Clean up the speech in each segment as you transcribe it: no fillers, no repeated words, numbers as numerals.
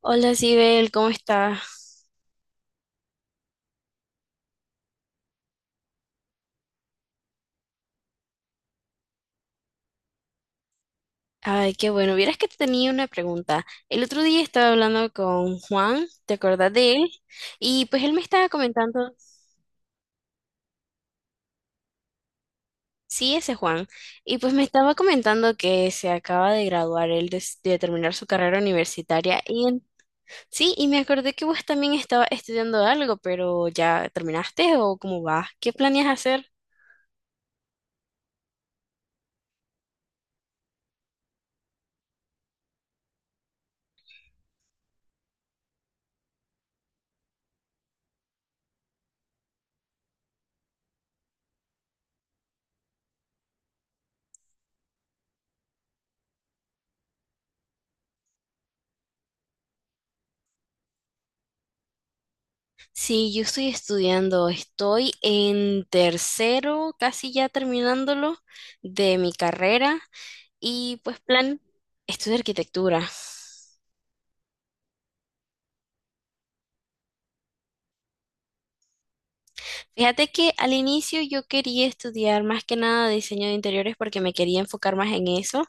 Hola, Sibel, ¿cómo estás? Ay, qué bueno. Vieras que te tenía una pregunta. El otro día estaba hablando con Juan, ¿te acordás de él? Y pues él me estaba comentando, sí, ese Juan, y pues me estaba comentando que se acaba de graduar él de terminar su carrera universitaria. Sí, y me acordé que vos también estabas estudiando algo, pero ¿ya terminaste o cómo vas? ¿Qué planeas hacer? Sí, yo estoy estudiando, estoy en tercero, casi ya terminándolo de mi carrera y pues plan, estudio arquitectura. Fíjate que al inicio yo quería estudiar más que nada diseño de interiores porque me quería enfocar más en eso,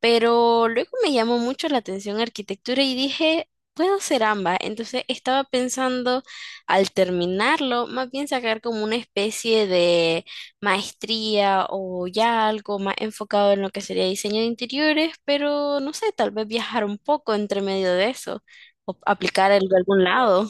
pero luego me llamó mucho la atención arquitectura y dije, puedo hacer ambas. Entonces estaba pensando al terminarlo, más bien sacar como una especie de maestría o ya algo más enfocado en lo que sería diseño de interiores, pero no sé, tal vez viajar un poco entre medio de eso o aplicar algo a algún lado.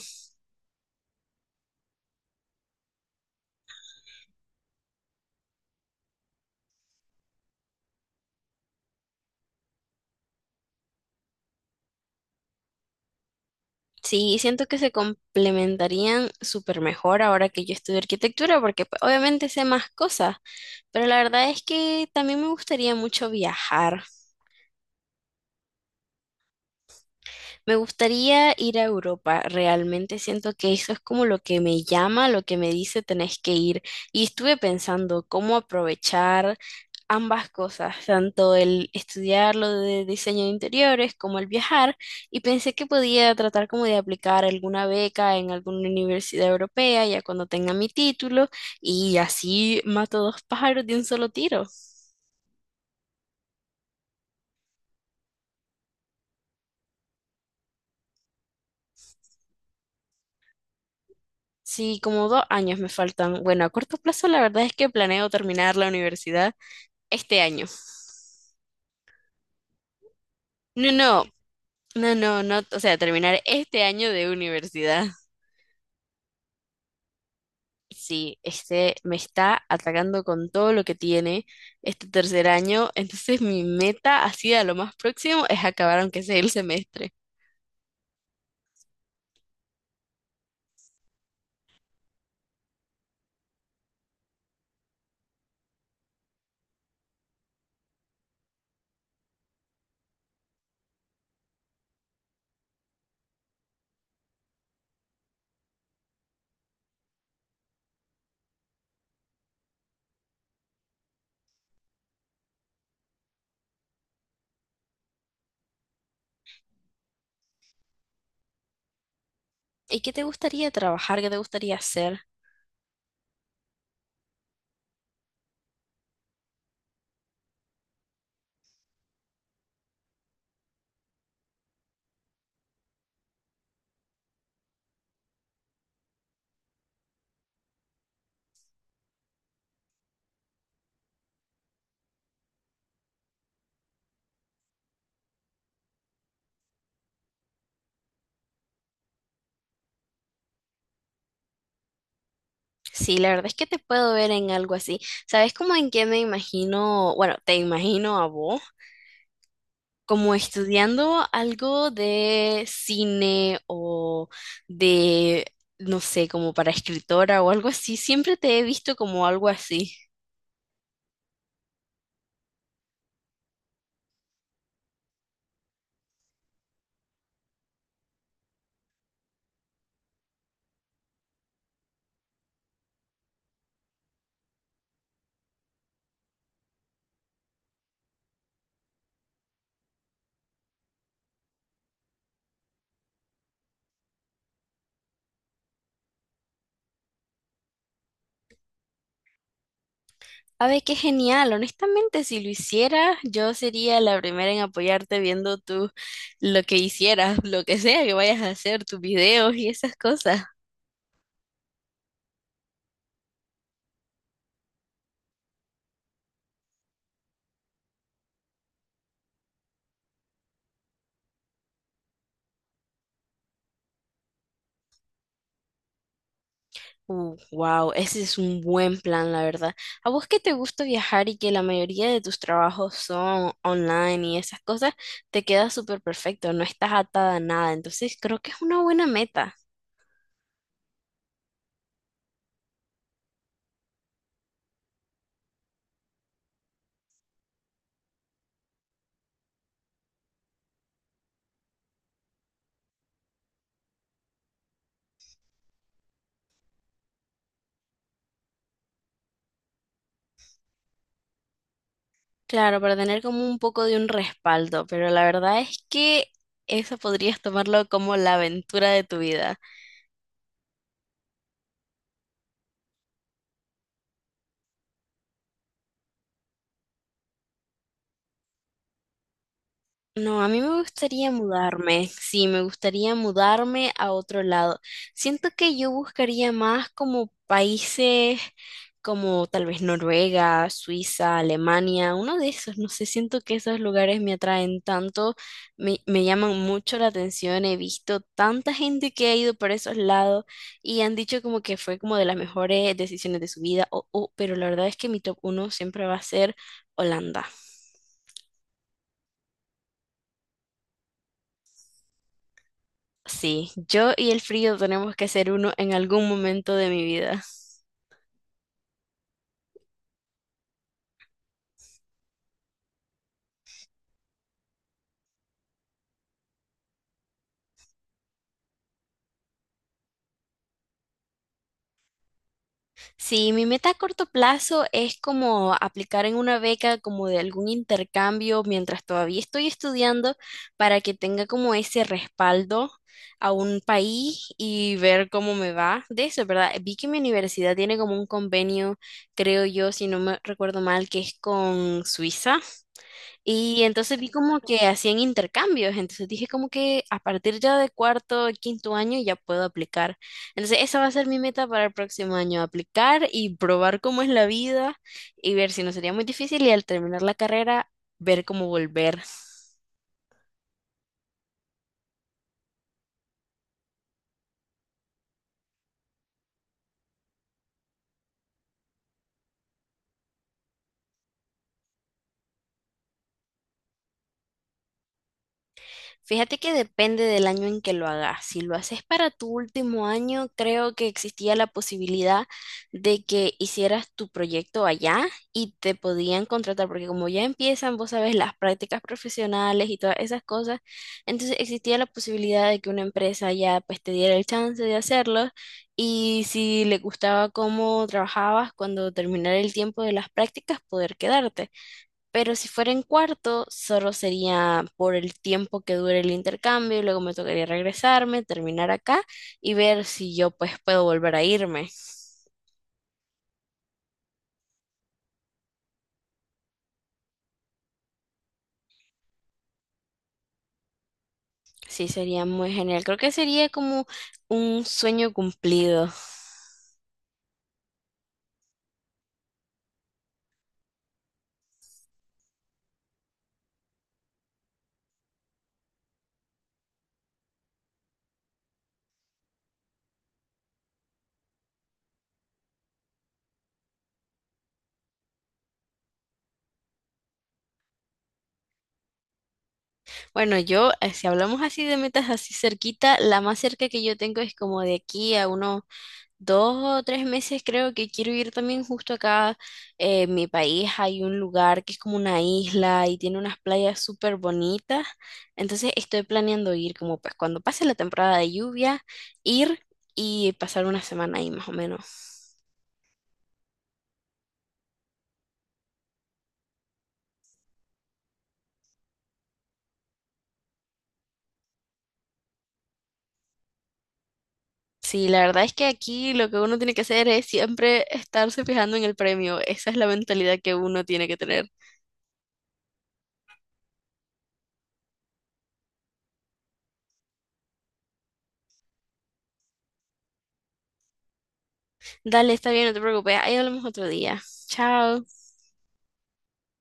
Sí, siento que se complementarían súper mejor ahora que yo estudio arquitectura, porque pues, obviamente sé más cosas, pero la verdad es que también me gustaría mucho viajar. Me gustaría ir a Europa, realmente siento que eso es como lo que me llama, lo que me dice tenés que ir. Y estuve pensando cómo aprovechar ambas cosas, tanto el estudiar lo de diseño de interiores como el viajar, y pensé que podía tratar como de aplicar alguna beca en alguna universidad europea ya cuando tenga mi título y así mato dos pájaros de un solo tiro. Sí, como 2 años me faltan. Bueno, a corto plazo la verdad es que planeo terminar la universidad este año. No, no, no, no, no, o sea, terminar este año de universidad. Sí, este me está atacando con todo lo que tiene este tercer año, entonces mi meta así a lo más próximo es acabar aunque sea el semestre. ¿Y qué te gustaría trabajar? ¿Qué te gustaría hacer? Sí, la verdad es que te puedo ver en algo así. ¿Sabes cómo en qué me imagino? Bueno, te imagino a vos como estudiando algo de cine o de, no sé, como para escritora o algo así. Siempre te he visto como algo así. A ver, qué genial. Honestamente, si lo hicieras, yo sería la primera en apoyarte viendo tú lo que hicieras, lo que sea que vayas a hacer, tus videos y esas cosas. Wow, ese es un buen plan, la verdad. ¿A vos que te gusta viajar y que la mayoría de tus trabajos son online y esas cosas, te queda súper perfecto, no estás atada a nada. Entonces, creo que es una buena meta. Claro, para tener como un poco de un respaldo, pero la verdad es que eso podrías tomarlo como la aventura de tu vida. No, a mí me gustaría mudarme, sí, me gustaría mudarme a otro lado. Siento que yo buscaría más como países como tal vez Noruega, Suiza, Alemania, uno de esos, no sé, siento que esos lugares me atraen tanto, me llaman mucho la atención, he visto tanta gente que ha ido por esos lados y han dicho como que fue como de las mejores decisiones de su vida, pero la verdad es que mi top uno siempre va a ser Holanda. Sí, yo y el frío tenemos que ser uno en algún momento de mi vida. Sí, mi meta a corto plazo es como aplicar en una beca como de algún intercambio mientras todavía estoy estudiando para que tenga como ese respaldo a un país y ver cómo me va de eso, ¿verdad? Vi que mi universidad tiene como un convenio, creo yo, si no me recuerdo mal, que es con Suiza. Y entonces vi como que hacían intercambios, entonces dije como que a partir ya de cuarto, quinto año ya puedo aplicar. Entonces esa va a ser mi meta para el próximo año, aplicar y probar cómo es la vida y ver si no sería muy difícil y al terminar la carrera ver cómo volver. Fíjate que depende del año en que lo hagas. Si lo haces para tu último año, creo que existía la posibilidad de que hicieras tu proyecto allá y te podían contratar, porque como ya empiezan, vos sabes, las prácticas profesionales y todas esas cosas, entonces existía la posibilidad de que una empresa ya pues te diera el chance de hacerlo y si le gustaba cómo trabajabas cuando terminara el tiempo de las prácticas, poder quedarte. Pero si fuera en cuarto, solo sería por el tiempo que dure el intercambio y luego me tocaría regresarme, terminar acá y ver si yo pues puedo volver a irme. Sí, sería muy genial. Creo que sería como un sueño cumplido. Bueno, si hablamos así de metas así cerquita, la más cerca que yo tengo es como de aquí a unos 2 o 3 meses creo que quiero ir también justo acá en mi país. Hay un lugar que es como una isla y tiene unas playas súper bonitas. Entonces estoy planeando ir como pues cuando pase la temporada de lluvia, ir y pasar una semana ahí más o menos. Sí, la verdad es que aquí lo que uno tiene que hacer es siempre estarse fijando en el premio. Esa es la mentalidad que uno tiene que tener. Dale, está bien, no te preocupes. Ahí hablamos otro día. Chao.